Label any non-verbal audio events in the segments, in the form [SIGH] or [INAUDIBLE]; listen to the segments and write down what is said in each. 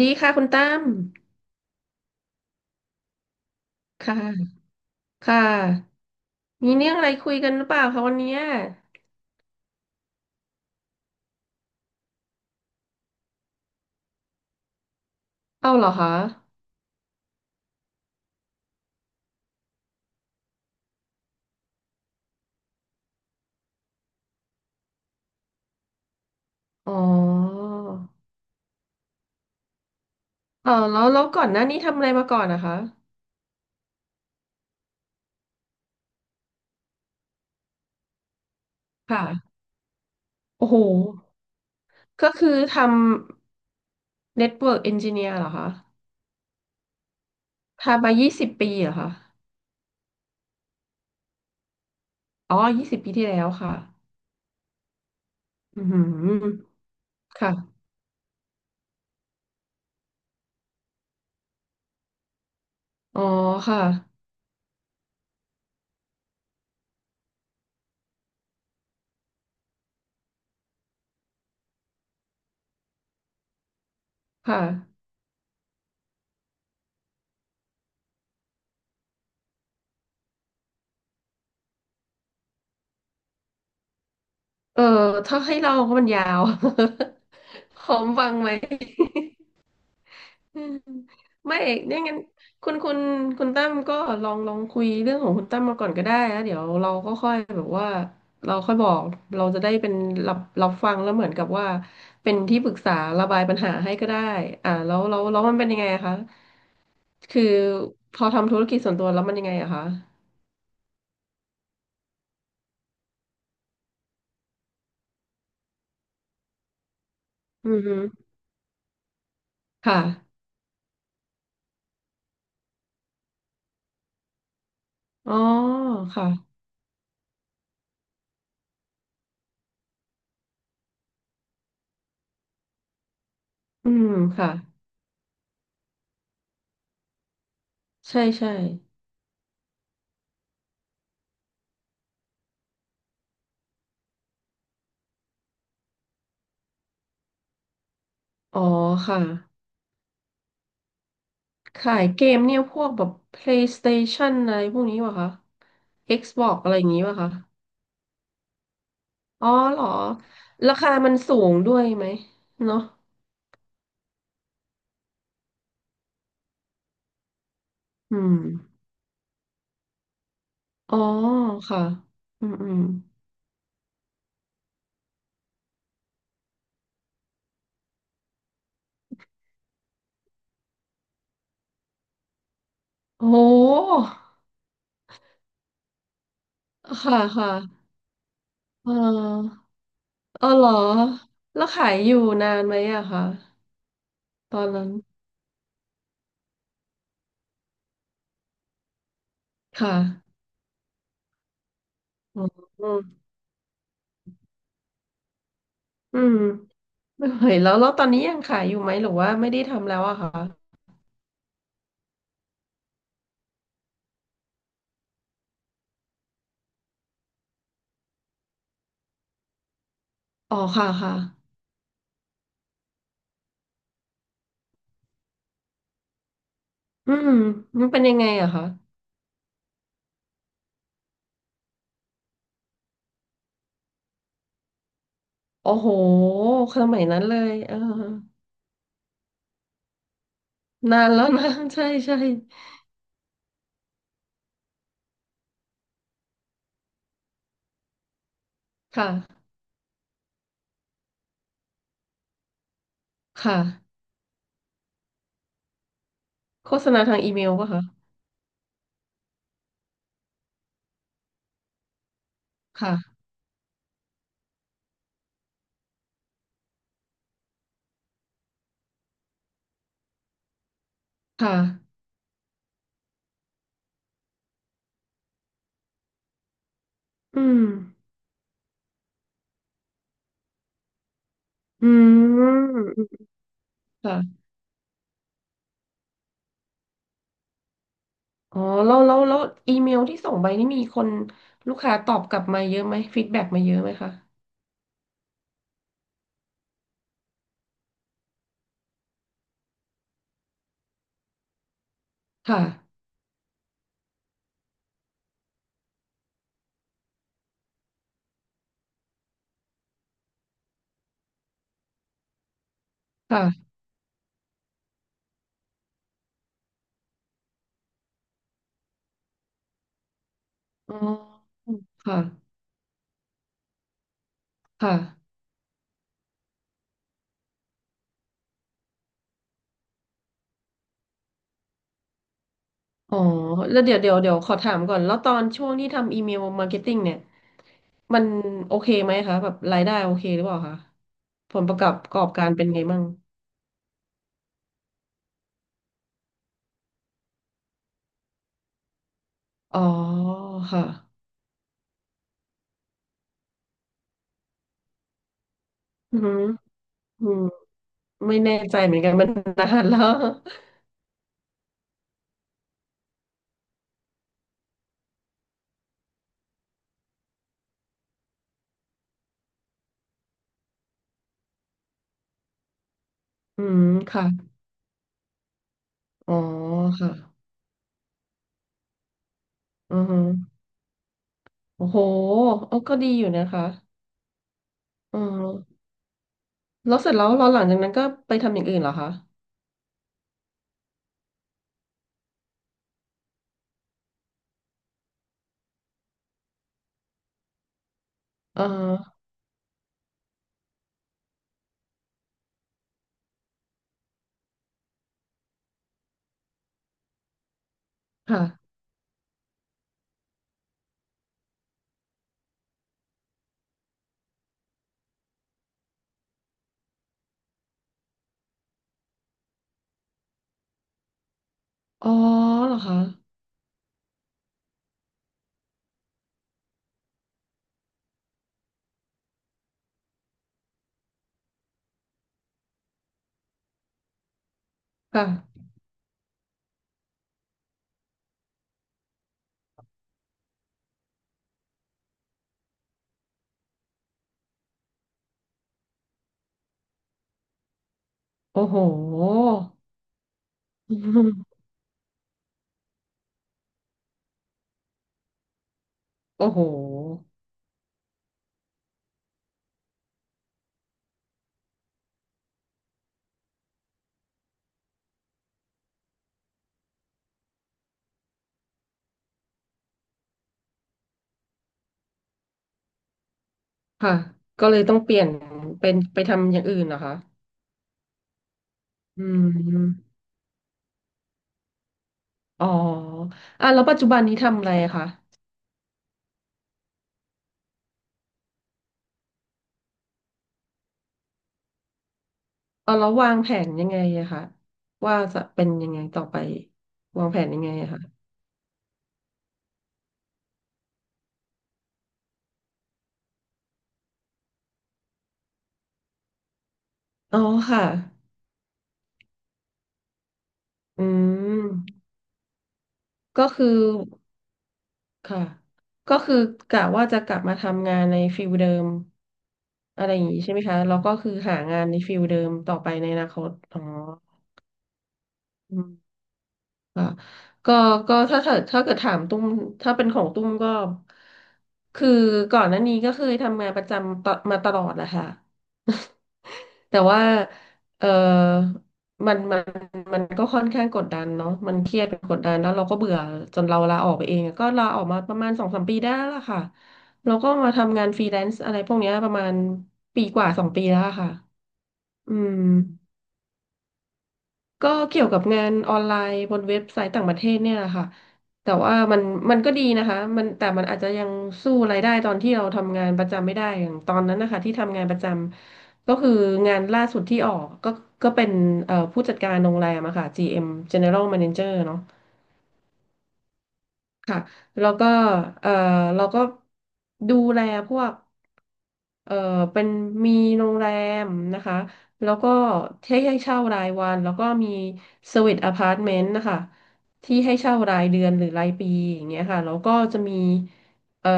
ดีค่ะคุณตั้มค่ะค่ะ มีเรื่องอะไรคุยกันหรือเปล่าคะวันเนี้ยเอาเหรอคะ อ๋อเออแล้วแล้วก่อนหน้านี้ทำอะไรมาก่อนนะคะ ค่ะ โอ้โห ก็คือทำ Network Engineer เหรอคะ ทำมายี่สิบปีเหรอคะ อ๋อยี่สิบปีที่แล้วค่ะอือหือค่ะ อ๋อค่ะค่ะ เออ ถ้าให้เราก็มันยาว [LAUGHS] พร้อมฟังไหม อืมไม่เนี่ยงั้นคุณคุณตั้มก็ลองคุยเรื่องของคุณตั้มมาก่อนก็ได้แล้วเดี๋ยวเราก็ค่อยแบบว่าเราค่อยบอกเราจะได้เป็นรับฟังแล้วเหมือนกับว่าเป็นที่ปรึกษาระบายปัญหาให้ก็ได้อ่าแล้วมันเป็นยังไงอะคะคือพอทำธุรกิจส่วนตัวแล้วมันยังไงอะคะอือฮึค่ะอ๋อค่ะอืมค่ะใช่ใช่อ๋อค่ะ ขายเกมเนี่ยพวกแบบ PlayStation อะไรพวกนี้ป่ะคะ Xbox อะไรอย่างงี้ป่ะคะอ๋อเหรอราคามันสูงด้วยไหมเนาะอืมอ๋อค่ะอืมอืมโอ้โหค่ะค่ะเออเออเหรอแล้วขายอยู่นานไหมอะคะตอนนั้นค่ะอ๋ออืมไม่ไหวแล้วแล้วตอนนี้ยังขายอยู่ไหมหรือว่าไม่ได้ทำแล้วอะคะอ๋อค่ะค่ะอืมมันเป็นยังไงอะคะ โอ้โหสมัยนั้นเลยเออนานแล้วนะ [LAUGHS] ใช่ใช่ค่ะค่ะโฆษณาทางอีเมลป่ะคะค่ะค่ะอืมอืมอืมค่ะ อ๋อแล้วอีเมลที่ส่งไปนี่มีคนลูกค้าตอบกลับมาเยอะไหมฟีดแบ็กมาเยอะไหมคะ ค่ะ ค่ะอ๋อค่ะค่ะ อ๋อแล้วเดี๋ยวขอถามก่อนแล้วตอนช่วงที่ทำอีเมลมาร์เก็ตติ้งเนี่ยมันโอเคไหมคะแบบรายได้โอเคหรือเปล่าคะผลประกอบการเป็นไงมั่งอ๋อค่ะอืมอืมไม่แน่ใจเหมือนกันมันนานแล้ว [LAUGHS] อืมค่ะอ๋อค่ะอือฮึโอ้โหเออก็ดีอยู่นะคะอือฮึแล้วเสร็จแล้วเราหลังจากนั้นก็ไปทำอย่างอื่นเหรอคะอ่าฮะค่ะอ๋อเหรอคะค่ะโอ้โห [LAUGHS] อืมโอ้โหค่ะก็เลยต้องเปลี่ยนเป็นไปทำอย่างอื่นเหรอคะอืมอ๋ออ่ะแล้วปัจจุบันนี้ทำอะไรอะคะเอาแล้ววางแผนยังไงอะคะว่าจะเป็นยังไงต่อไปวางแผนยังไงอะคะอ๋อค่ะอืมก็คือค่ะก็คือกะว่าจะกลับมาทำงานในฟิลเดิมอะไรอย่างนี้ใช่ไหมคะแล้วก็คือหางานในฟิลเดิมต่อไปในอนาคตอ๋ออืม ค่ะก็ก็ถ้าเกิดถามตุ้มถ้าเป็นของตุ้มก็คือก่อนหน้านี้ก็เคยทำงานประจำตอมาตลอดแหละค่ะ [LAUGHS] แต่ว่าเออมันมันก็ค่อนข้างกดดันเนาะมันเครียดเป็นกดดันแล้วเราก็เบื่อจนเราลาออกไปเองก็ลาออกมาประมาณสองสามปีได้แล้วล่ะค่ะเราก็มาทำงานฟรีแลนซ์อะไรพวกเนี้ยประมาณปีกว่าสองปีแล้วอะค่ะอืม ก็เกี่ยวกับงานออนไลน์บนเว็บไซต์ต่างประเทศเนี่ยแหละค่ะแต่ว่ามันมันก็ดีนะคะมันแต่มันอาจจะยังสู้รายได้ตอนที่เราทำงานประจำไม่ได้อย่างตอนนั้นนะคะที่ทำงานประจำก็คืองานล่าสุดที่ออกก็ก็เป็นผู้จัดการโรงแรมอะค่ะ GM General Manager เนอะ ค่ะแล้วก็เออเราก็ดูแลพวกเออเป็นมีโรงแรมนะคะแล้วก็ให้เช่ารายวันแล้วก็มีสวีทอพาร์ตเมนต์นะคะที่ให้เช่ารายเดือนหรือรายปีอย่างเงี้ยค่ะแล้วก็จะมีเอ่อ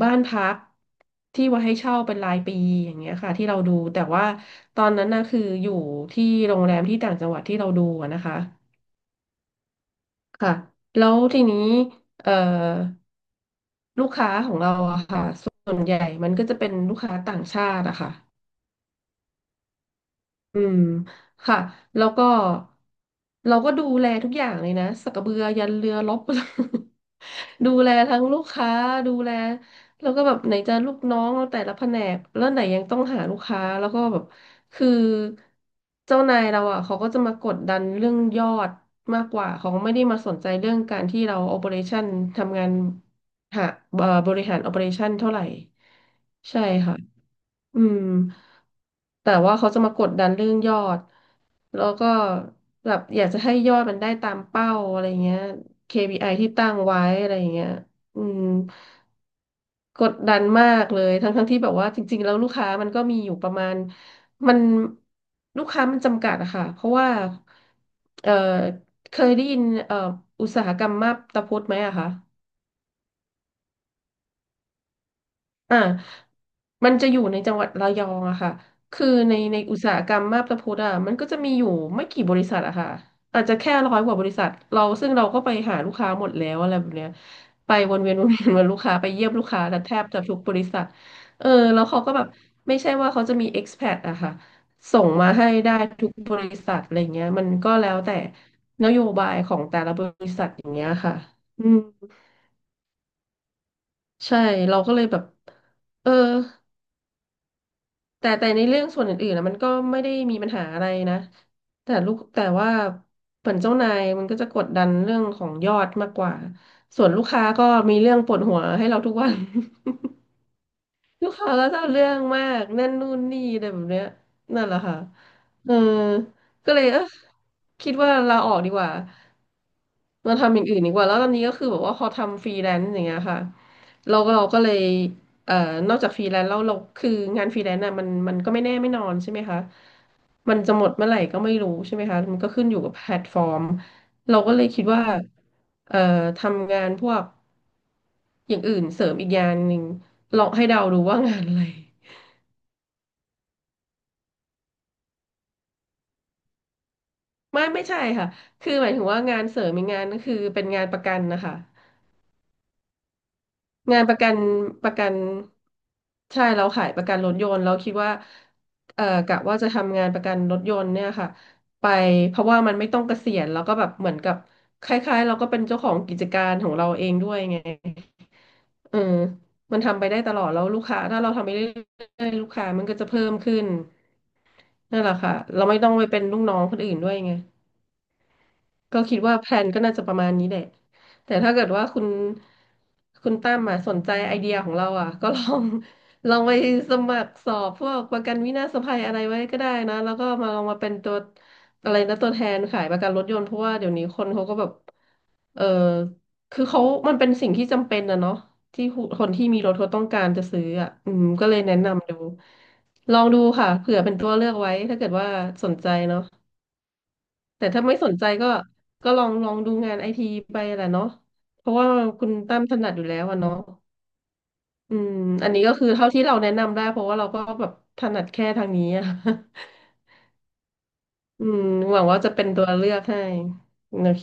บ้านพักที่ไว่าให้เช่าเป็นรายปีอย่างเงี้ยค่ะที่เราดูแต่ว่าตอนนั้นน่ะคืออยู่ที่โรงแรมที่ต่างจังหวัดที่เราดูอะนะคะค่ะแล้วทีนี้เอ่อ ลูกค้าของเราอะค่ะส่วนใหญ่มันก็จะเป็นลูกค้าต่างชาติอะค่ะ อืมค่ะแล้วก็เราก็ดูแลทุกอย่างเลยนะสักกระเบือยันเรือรบ [LAUGHS] ดูแลทั้งลูกค้าดูแลแล้วก็แบบไหนจะลูกน้องเราแต่ละแผนกแล้วไหนยังต้องหาลูกค้าแล้วก็แบบคือเจ้านายเราอ่ะเขาก็จะมากดดันเรื่องยอดมากกว่าเขาไม่ได้มาสนใจเรื่องการที่เราโอเปอเรชั่นทำงานหาบริหารโอเปอเรชั่นเท่าไหร่ใช่ค่ะ อืมแต่ว่าเขาจะมากดดันเรื่องยอดแล้วก็แบบอยากจะให้ยอดมันได้ตามเป้าอะไรเงี้ย KPI ที่ตั้งไว้อะไรเงี้ยอืมกดดันมากเลยทั้งที่แบบว่าจริงๆแล้วลูกค้ามันก็มีอยู่ประมาณมันลูกค้ามันจำกัดอะค่ะเพราะว่าเออเคยได้ยินเอออุตสาหกรรมมาบตาพุดไหมอะคะ อ่ามันจะอยู่ในจังหวัดระยองอะค่ะคือในอุตสาหกรรมมาบตาพุดอะมันก็จะมีอยู่ไม่กี่บริษัทอะค่ะอาจจะแค่ร้อยกว่าบริษัทเราซึ่งเราก็ไปหาลูกค้าหมดแล้วอะไรแบบเนี้ยไปวนเวียนวนเวียนวนลูกค้าไปเยี่ยมลูกค้าแต่แทบจะทุกบริษัทเออแล้วเขาก็แบบไม่ใช่ว่าเขาจะมี expat อะค่ะส่งมาให้ได้ทุกบริษัทอะไรเงี้ยมันก็แล้วแต่นโยบายของแต่ละบริษัทอย่างเงี้ยค่ะอืมใช่เราก็เลยแบบเออ แต่ในเรื่องส่วนอื่นๆนะมันก็ไม่ได้มีปัญหาอะไรนะแต่ว่าเหมือนเจ้านายมันก็จะกดดันเรื่องของยอดมากกว่าส่วนลูกค้าก็มีเรื่องปวดหัวให้เราทุกวัน ลูกค้าก็จะเอาเรื่องมากนั่นนู่นนี่อะไรแบบเนี้ยนั่นแหละค่ะเออก็เลยคิดว่าลาออกดีกว่ามาทำอย่างอื่นดีกว่าแล้วตอนนี้ก็คือแบบว่าพอทำฟรีแลนซ์อย่างเงี้ยค่ะเราก็เลยเอ่อนอกจากฟรีแลนซ์แล้วเราคืองานฟรีแลนซ์น่ะมันก็ไม่แน่ไม่นอนใช่ไหมคะมันจะหมดเมื่อไหร่ก็ไม่รู้ใช่ไหมคะมันก็ขึ้นอยู่กับแพลตฟอร์ม เราก็เลยคิดว่าเอ่อทำงานพวกอย่างอื่นเสริมอีกงานหนึ่งลองให้เดาดูว่างานอะไรไม่ใช่ค่ะคือหมายถึงว่างานเสริมอีกงานก็คือเป็นงานประกันนะคะงานประกันประกันใช่เราขายประกันรถยนต์เราคิดว่ากะว่าจะทำงานประกันรถยนต์เนี่ยค่ะไปเพราะว่ามันไม่ต้องเกษียณแล้วก็แบบเหมือนกับคล้ายๆเราก็เป็นเจ้าของกิจการของเราเองด้วยไง เออมันทำไปได้ตลอดแล้วลูกค้าถ้าเราทำไปเรื่อยๆลูกค้ามันก็จะเพิ่มขึ้นนั่นแหละค่ะเราไม่ต้องไปเป็นลูกน้องคนอื่นด้วยไง ก็คิดว่าแพลนก็น่าจะประมาณนี้แหละแต่ถ้าเกิดว่าคุณตั้มมาสนใจไอเดียของเราอ่ะ [LAUGHS] ก็ลองไปสมัครสอบพวกประกันวินาศภัยอะไรไว้ก็ได้นะแล้วก็มาลองมาเป็นตัวอะไรนะตัวแทนขายประกันรถยนต์เพราะว่าเดี๋ยวนี้คนเขาก็แบบเออคือเขามันเป็นสิ่งที่จำเป็นนะเนาะที่คนที่มีรถเขาต้องการจะซื้ออ่ะอืมก็เลยแนะนำดูลองดูค่ะเผื่อเป็นตัวเลือกไว้ถ้าเกิดว่าสนใจเนาะ แต่ถ้าไม่สนใจก็ก็ลองดูงานไอทีไปแหละเนาะเพราะว่าคุณตั้มถนัดอยู่แล้วอะเนาะอืมอันนี้ก็คือเท่าที่เราแนะนำได้เพราะว่าเราก็แบบถนัดแค่ทางนี้อะ [LAUGHS] อืมหวังว่าจะเป็นตัวเลือกให้โอเค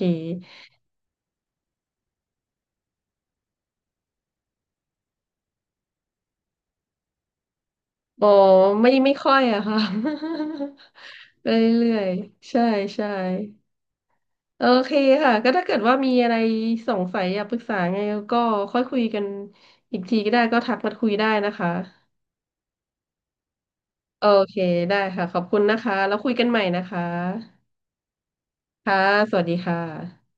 อ๋อไม่ค่อยอะค่ะ [LAUGHS] ไปเรื่อยๆใช่ใช่โอเคค่ะก็ถ้าเกิดว่ามีอะไรสงสัยอยากปรึกษาไงก็ค่อยคุยกันอีกทีก็ได้ก็ทักมาคุยได้นะคะ โอเคได้ค่ะขอบคุณนะคะแล้วคุยกันใหม่นะคะค่ะสวัสดีค่ะ